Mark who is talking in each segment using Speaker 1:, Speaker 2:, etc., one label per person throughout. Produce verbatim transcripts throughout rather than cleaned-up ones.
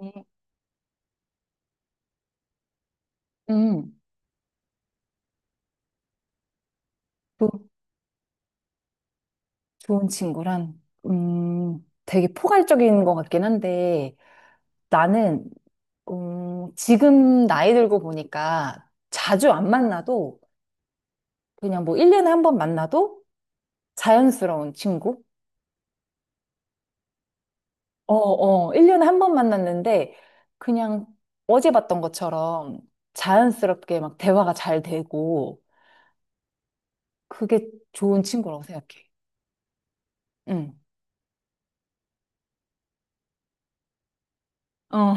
Speaker 1: 음, 음, 조, 좋은 친구란, 음, 되게 포괄적인 것 같긴 한데, 나는, 음, 지금 나이 들고 보니까 자주 안 만나도, 그냥 뭐 일 년에 한 번 만나도 자연스러운 친구? 어, 어, 일 년에 한 번 만났는데, 그냥 어제 봤던 것처럼 자연스럽게 막 대화가 잘 되고, 그게 좋은 친구라고 생각해. 응. 어.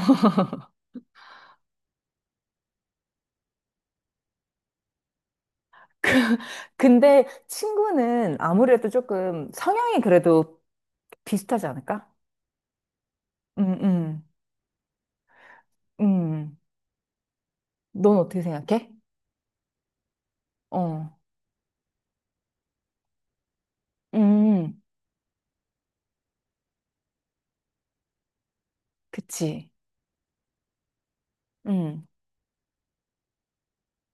Speaker 1: 근데 친구는 아무래도 조금 성향이 그래도 비슷하지 않을까? 음, 음, 음. 넌 어떻게 생각해? 어, 음, 그치. 음,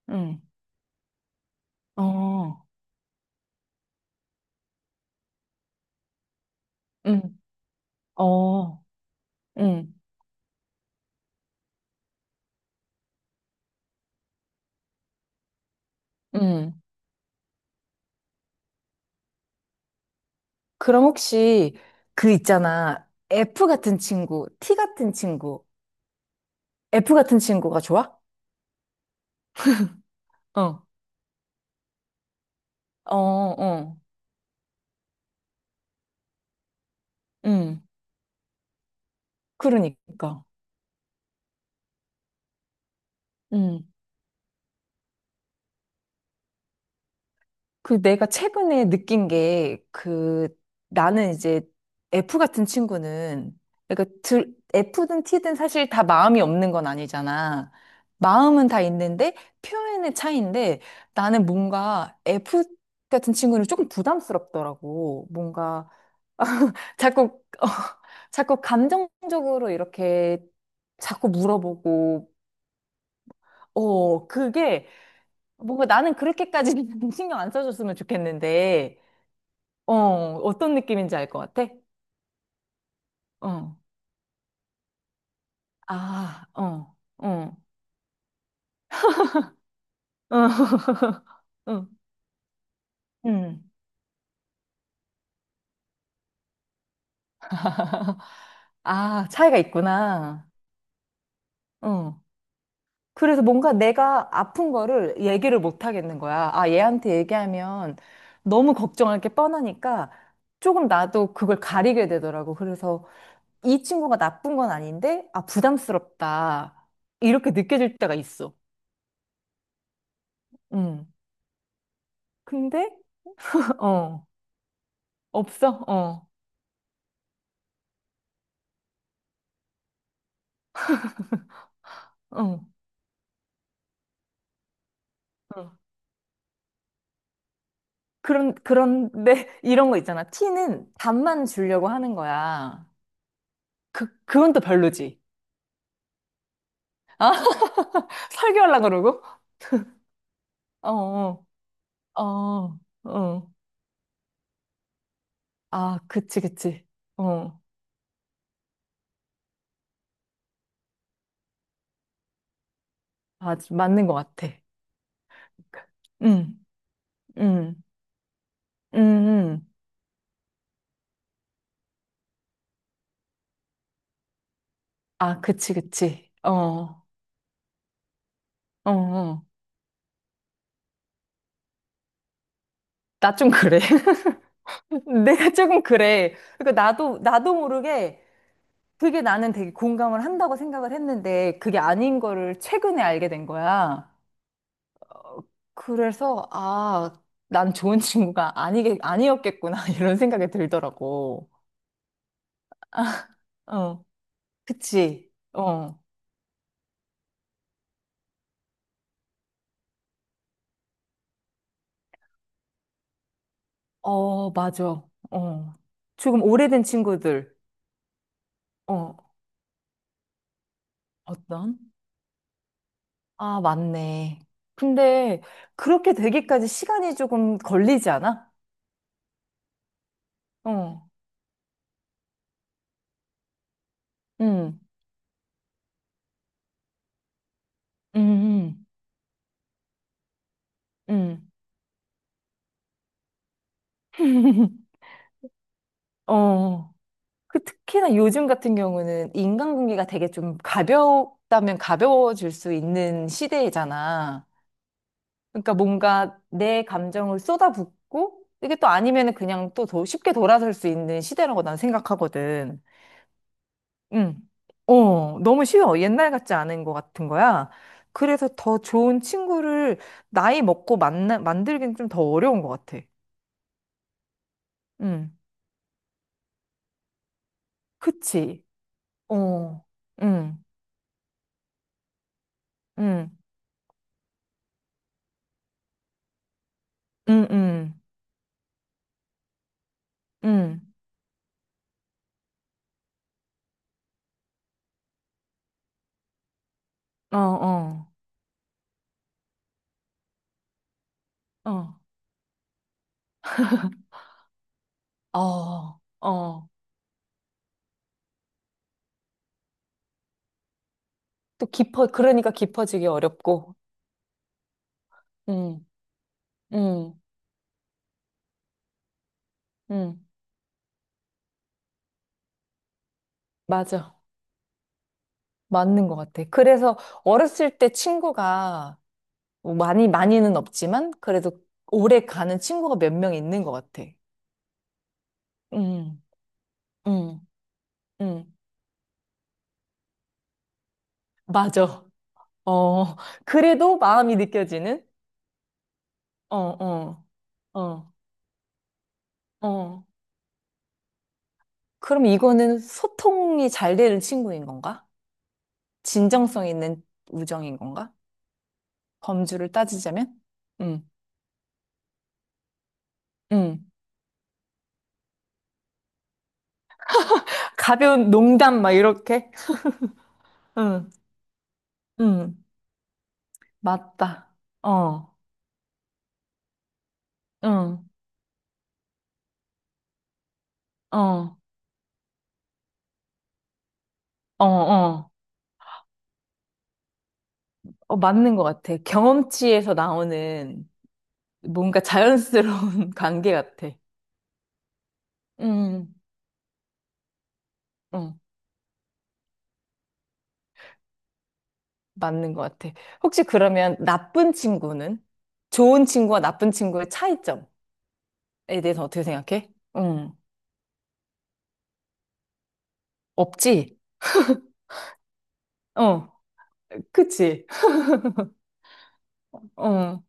Speaker 1: 음, 어, 음, 어, 음, 음. 그럼 혹시 그 있잖아. F 같은 친구, T 같은 친구, F 같은 친구가 좋아? 어, 어, 어, 음, 그러니까. 음. 그 내가 최근에 느낀 게 그 나는 이제 F 같은 친구는 그러니까 들, F든 T든 사실 다 마음이 없는 건 아니잖아. 마음은 다 있는데 표현의 차이인데 나는 뭔가 F 같은 친구는 조금 부담스럽더라고. 뭔가 자꾸 어, 자꾸 감정적으로 이렇게 자꾸 물어보고 어 그게 뭔가 나는 그렇게까지 신경 안 써줬으면 좋겠는데 어, 어떤 느낌인지 알 것 같아? 어, 아, 어, 어, 어, 어, 음. 아, 차이가 있구나. 어. 그래서 뭔가 내가 아픈 거를 얘기를 못 하겠는 거야. 아, 얘한테 얘기하면 너무 걱정할 게 뻔하니까 조금 나도 그걸 가리게 되더라고. 그래서 이 친구가 나쁜 건 아닌데, 아, 부담스럽다. 이렇게 느껴질 때가 있어. 음. 근데, 어, 없어? 어, 어. 어. 그런, 그런데 이런 거 있잖아. 티는 답만 주려고 하는 거야. 그, 그건 또 별로지. 아, 설교하려고 그러고? 어, 어, 어, 어. 아, 그치, 그치. 어, 아, 맞는 것 같아. 응, 응, 응, 응. 아, 그치, 그치. 어, 어, 어. 나 좀 그래. 내가 조금 그래. 그러니까 나도, 나도 모르게 그게 나는 되게 공감을 한다고 생각을 했는데 그게 아닌 거를 최근에 알게 된 거야. 그래서, 아, 난 좋은 친구가 아니게, 아니었겠구나, 이런 생각이 들더라고. 어, 그치. 어, 어, 맞아. 어. 조금 오래된 친구들. 어, 어떤? 아, 맞네. 근데 그렇게 되기까지 시간이 조금 걸리지 않아? 어, 응, 응, 응, 응. 어, 그 특히나 요즘 같은 경우는 인간관계가 되게 좀 가볍다면 가벼워질 수 있는 시대잖아. 그러니까 뭔가 내 감정을 쏟아붓고 이게 또 아니면은 그냥 또 더 쉽게 돌아설 수 있는 시대라고 난 생각하거든. 응. 어, 너무 쉬워. 옛날 같지 않은 것 같은 거야. 그래서 더 좋은 친구를 나이 먹고 만나, 만들기는 좀 더 어려운 것 같아. 응. 그치. 어. 응. 응. 응. 응. 응. 어, 어, 어, 어, 어. 또 깊어, 그러니까 깊어지기 어렵고. 음, 음, 음. 맞아. 맞는 것 같아. 그래서 어렸을 때 친구가 뭐 많이, 많이는 없지만 그래도 오래 가는 친구가 몇 명 있는 것 같아. 음, 음, 음. 맞아. 어. 그래도 마음이 느껴지는? 어, 어, 어, 어. 그럼 이거는 소통이 잘 되는 친구인 건가? 진정성 있는 우정인 건가? 범주를 따지자면? 응, 응. 가벼운 농담, 막 이렇게? 응, 응. 맞다. 어, 응, 어, 어, 어. 어, 맞는 것 같아. 경험치에서 나오는 뭔가 자연스러운 관계 같아. 응, 응. 맞는 것 같아. 혹시 그러면 나쁜 친구는? 좋은 친구와 나쁜 친구의 차이점에 대해서 어떻게 생각해? 응. 없지? 어, 그치? 어.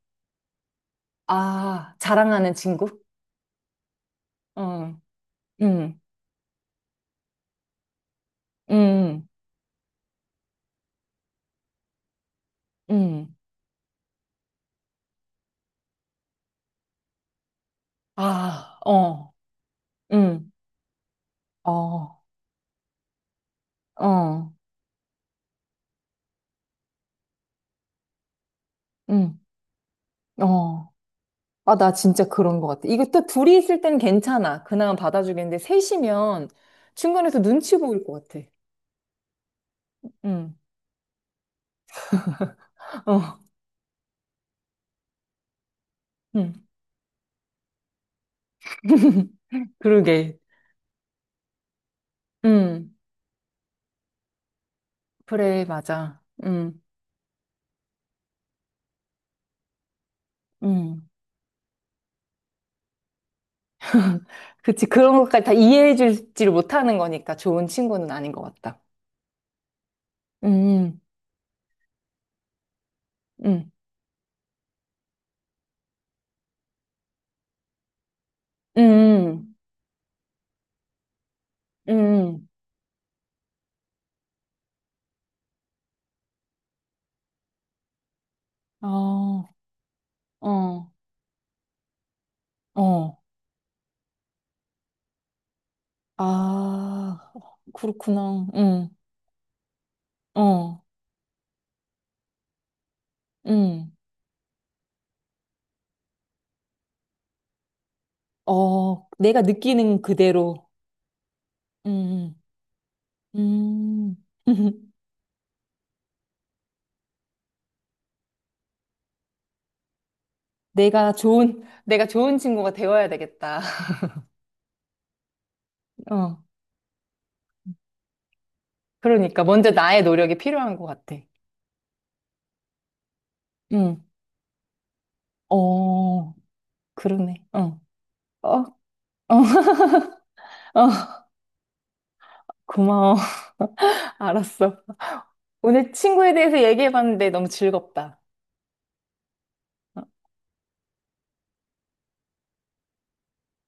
Speaker 1: 아, 자랑하는 친구? 어, 음, 음, 음. 아, 어, 음, 어, 어, 음, 어. 아, 나 진짜 그런 것 같아. 이거 또 둘이 있을 땐 괜찮아. 그나마 받아주겠는데, 셋이면 중간에서 눈치 보일 것 같아. 음, 어, 음. 그러게. 음, 그래, 맞아. 음, 음. 그치, 그런 것까지 다 이해해 줄지를 못하는 거니까 좋은 친구는 아닌 것 같다. 음, 음, 음. 응, 어, 어, 어. 아, 그렇구나. 응, 어, 응. 어, 내가 느끼는 그대로. 응, 응. 음. 내가 좋은, 내가 좋은 친구가 되어야 되겠다. 어, 그러니까 먼저 나의 노력이 필요한 것 같아. 응. 어, 그러네. 어, 어, 어, 어, 고마워. 알았어. 오늘 친구에 대해서 얘기해봤는데 너무 즐겁다. 어,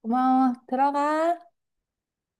Speaker 1: 고마워. 들어가.